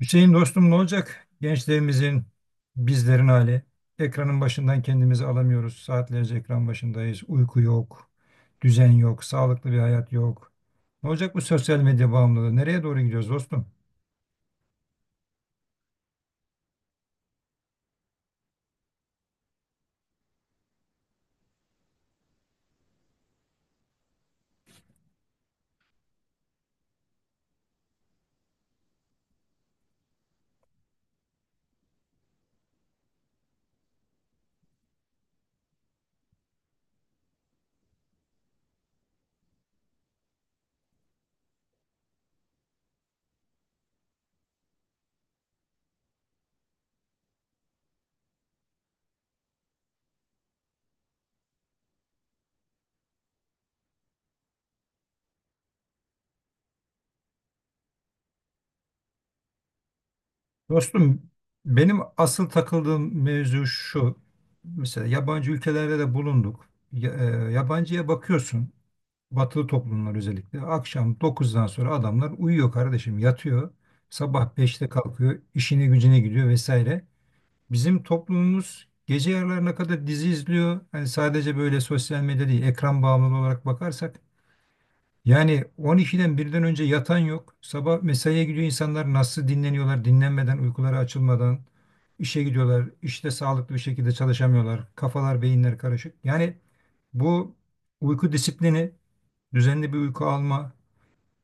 Hüseyin dostum ne olacak? Gençlerimizin, bizlerin hali. Ekranın başından kendimizi alamıyoruz. Saatlerce ekran başındayız. Uyku yok, düzen yok, sağlıklı bir hayat yok. Ne olacak bu sosyal medya bağımlılığı? Nereye doğru gidiyoruz dostum? Dostum benim asıl takıldığım mevzu şu. Mesela yabancı ülkelerde de bulunduk. Ya- yabancıya bakıyorsun. Batılı toplumlar özellikle. Akşam 9'dan sonra adamlar uyuyor kardeşim, yatıyor. Sabah 5'te kalkıyor, işine gücüne gidiyor vesaire. Bizim toplumumuz gece yarılarına kadar dizi izliyor. Hani sadece böyle sosyal medya değil, ekran bağımlılığı olarak bakarsak yani 12'den birden önce yatan yok. Sabah mesaiye gidiyor insanlar nasıl dinleniyorlar dinlenmeden, uykuları açılmadan işe gidiyorlar. İşte sağlıklı bir şekilde çalışamıyorlar. Kafalar, beyinler karışık. Yani bu uyku disiplini, düzenli bir uyku alma,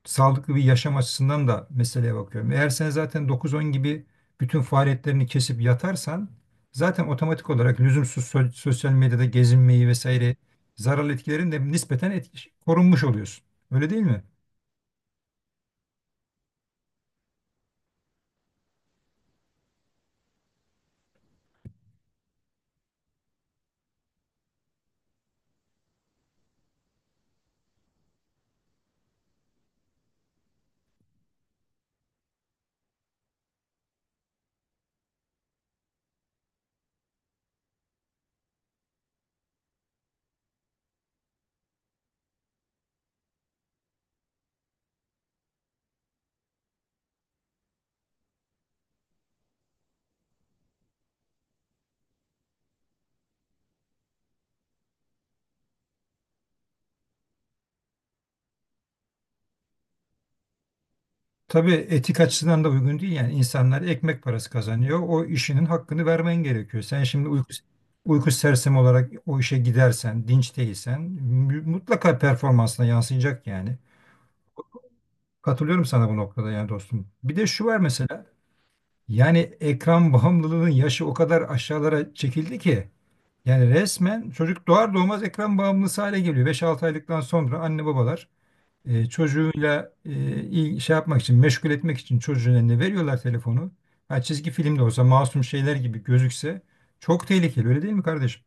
sağlıklı bir yaşam açısından da meseleye bakıyorum. Eğer sen zaten 9-10 gibi bütün faaliyetlerini kesip yatarsan zaten otomatik olarak lüzumsuz sosyal medyada gezinmeyi vesaire zararlı etkilerin de nispeten korunmuş oluyorsun. Öyle değil mi? Tabii etik açısından da uygun değil yani insanlar ekmek parası kazanıyor. O işinin hakkını vermen gerekiyor. Sen şimdi uyku, uyku sersemi olarak o işe gidersen, dinç değilsen mutlaka performansına yansıyacak yani. Katılıyorum sana bu noktada yani dostum. Bir de şu var mesela yani ekran bağımlılığının yaşı o kadar aşağılara çekildi ki yani resmen çocuk doğar doğmaz ekran bağımlısı hale geliyor. Beş altı aylıktan sonra anne babalar çocuğuyla şey yapmak için, meşgul etmek için çocuğun eline veriyorlar telefonu. Ha, çizgi film de olsa masum şeyler gibi gözükse çok tehlikeli öyle değil mi kardeşim?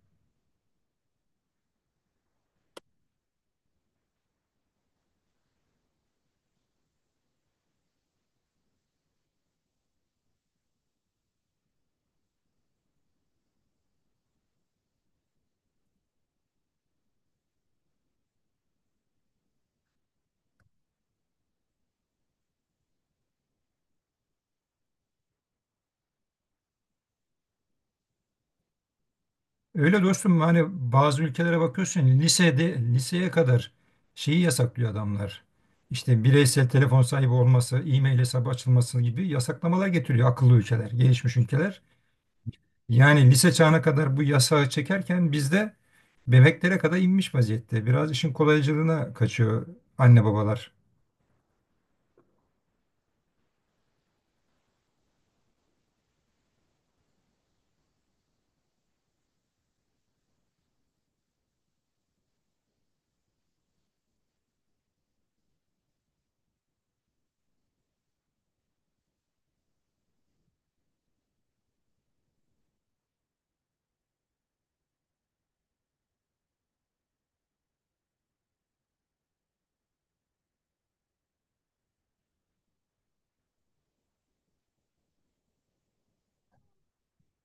Öyle dostum hani bazı ülkelere bakıyorsun lisede liseye kadar şeyi yasaklıyor adamlar. İşte bireysel telefon sahibi olması, e-mail hesabı açılması gibi yasaklamalar getiriyor akıllı ülkeler, gelişmiş ülkeler. Yani lise çağına kadar bu yasağı çekerken bizde bebeklere kadar inmiş vaziyette. Biraz işin kolaycılığına kaçıyor anne babalar.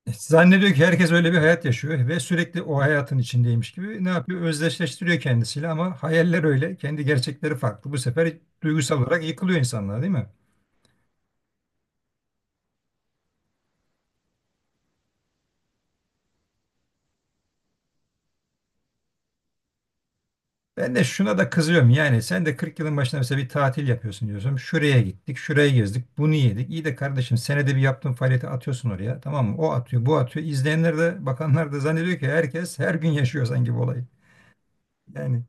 Zannediyor ki herkes öyle bir hayat yaşıyor ve sürekli o hayatın içindeymiş gibi ne yapıyor? Özdeşleştiriyor kendisiyle ama hayaller öyle, kendi gerçekleri farklı. Bu sefer duygusal olarak yıkılıyor insanlar, değil mi? Ben de şuna da kızıyorum yani sen de 40 yılın başında mesela bir tatil yapıyorsun diyorsun. Şuraya gittik, şuraya gezdik, bunu yedik. İyi de kardeşim senede bir yaptığın faaliyeti atıyorsun oraya tamam mı? O atıyor, bu atıyor. İzleyenler de bakanlar da zannediyor ki herkes her gün yaşıyor sanki bu olayı. Yani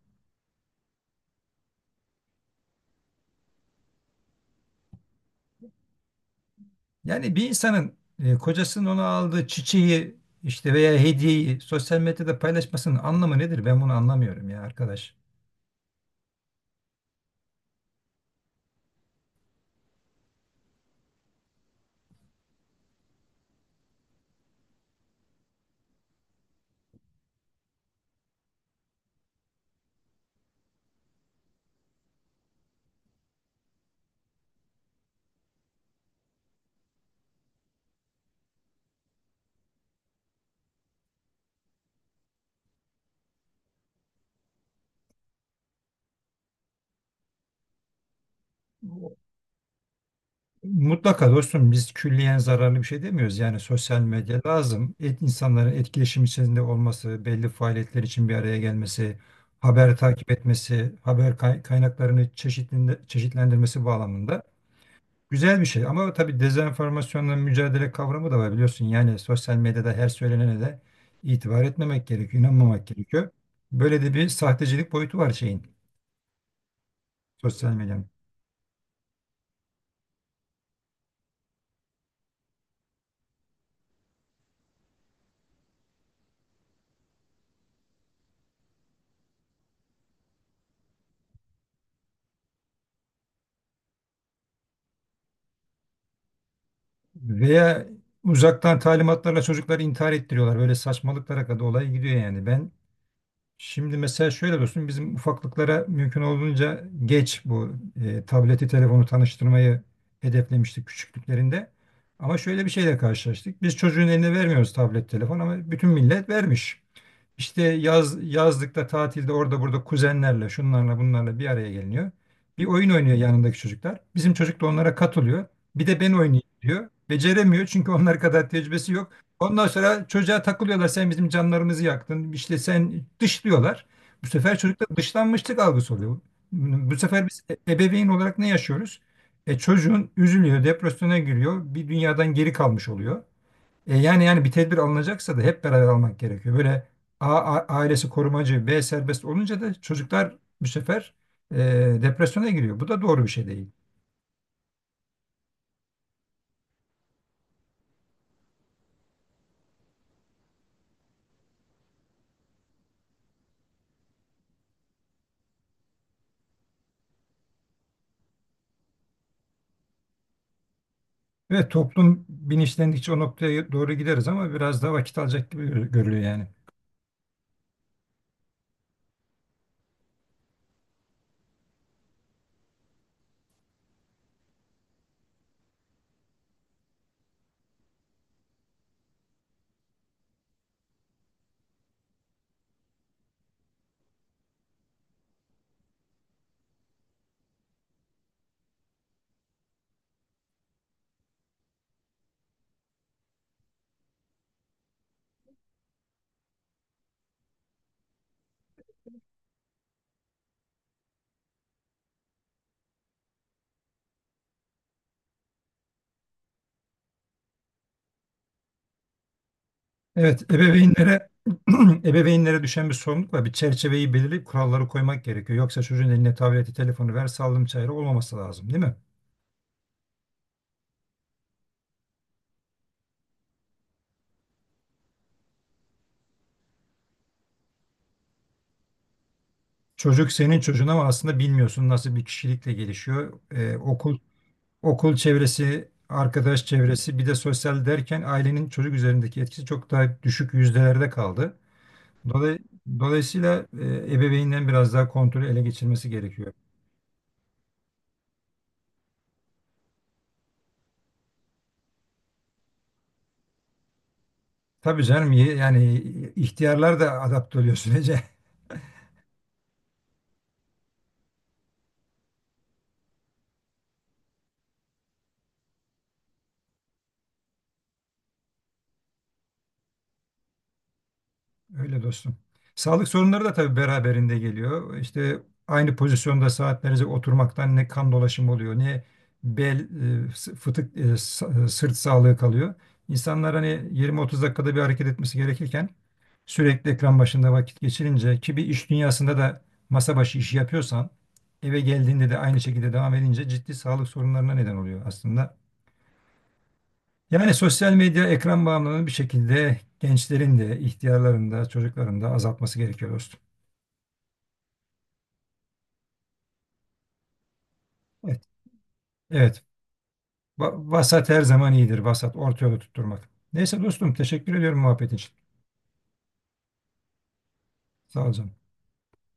yani bir insanın kocasının ona aldığı çiçeği işte veya hediyeyi sosyal medyada paylaşmasının anlamı nedir? Ben bunu anlamıyorum ya arkadaş. Mutlaka dostum biz külliyen zararlı bir şey demiyoruz. Yani sosyal medya lazım. İnsanların etkileşim içerisinde olması, belli faaliyetler için bir araya gelmesi, haber takip etmesi, haber kaynaklarını çeşitlendirmesi bağlamında güzel bir şey. Ama tabii dezenformasyonla mücadele kavramı da var biliyorsun. Yani sosyal medyada her söylenene de itibar etmemek gerekiyor, inanmamak gerekiyor. Böyle de bir sahtecilik boyutu var şeyin, sosyal medyanın. Veya uzaktan talimatlarla çocukları intihar ettiriyorlar. Böyle saçmalıklara kadar olay gidiyor yani. Ben şimdi mesela şöyle dostum bizim ufaklıklara mümkün olduğunca geç bu tableti telefonu tanıştırmayı hedeflemiştik küçüklüklerinde. Ama şöyle bir şeyle karşılaştık. Biz çocuğun eline vermiyoruz tablet telefon ama bütün millet vermiş. İşte yaz yazlıkta tatilde orada burada kuzenlerle şunlarla bunlarla bir araya geliniyor. Bir oyun oynuyor yanındaki çocuklar. Bizim çocuk da onlara katılıyor. Bir de ben oynayayım diyor. Beceremiyor çünkü onlar kadar tecrübesi yok. Ondan sonra çocuğa takılıyorlar. Sen bizim canlarımızı yaktın. İşte sen dışlıyorlar. Bu sefer çocukta dışlanmışlık algısı oluyor. Bu sefer biz ebeveyn olarak ne yaşıyoruz? Çocuğun üzülüyor, depresyona giriyor, bir dünyadan geri kalmış oluyor. Yani bir tedbir alınacaksa da hep beraber almak gerekiyor. Böyle A, ailesi korumacı, B serbest olunca da çocuklar bu sefer e, depresyona giriyor. Bu da doğru bir şey değil. Ve toplum bilinçlendikçe o noktaya doğru gideriz ama biraz daha vakit alacak gibi görülüyor yani. Evet, ebeveynlere ebeveynlere düşen bir sorumluluk var. Bir çerçeveyi belirleyip kuralları koymak gerekiyor. Yoksa çocuğun eline tableti, telefonu ver, sallım çayırı olmaması lazım, değil mi? Çocuk senin çocuğun ama aslında bilmiyorsun nasıl bir kişilikle gelişiyor. Okul çevresi, arkadaş çevresi, bir de sosyal derken ailenin çocuk üzerindeki etkisi çok daha düşük yüzdelerde kaldı. Dolay- Dolayısıyla ebeveynden biraz daha kontrolü ele geçirmesi gerekiyor. Tabii canım yani ihtiyarlar da adapte oluyor sürece. Öyle dostum. Sağlık sorunları da tabii beraberinde geliyor. İşte aynı pozisyonda saatlerce oturmaktan ne kan dolaşımı oluyor, ne bel, fıtık, sırt sağlığı kalıyor. İnsanlar hani 20-30 dakikada bir hareket etmesi gerekirken sürekli ekran başında vakit geçirince ki bir iş dünyasında da masa başı işi yapıyorsan eve geldiğinde de aynı şekilde devam edince ciddi sağlık sorunlarına neden oluyor aslında. Yani sosyal medya ekran bağımlılığını bir şekilde gençlerin de, ihtiyarların da, çocukların da azaltması gerekiyor dostum. Evet, evet. Vasat her zaman iyidir, vasat, orta yolu tutturmak. Neyse dostum, teşekkür ediyorum muhabbetin için. Sağ ol canım.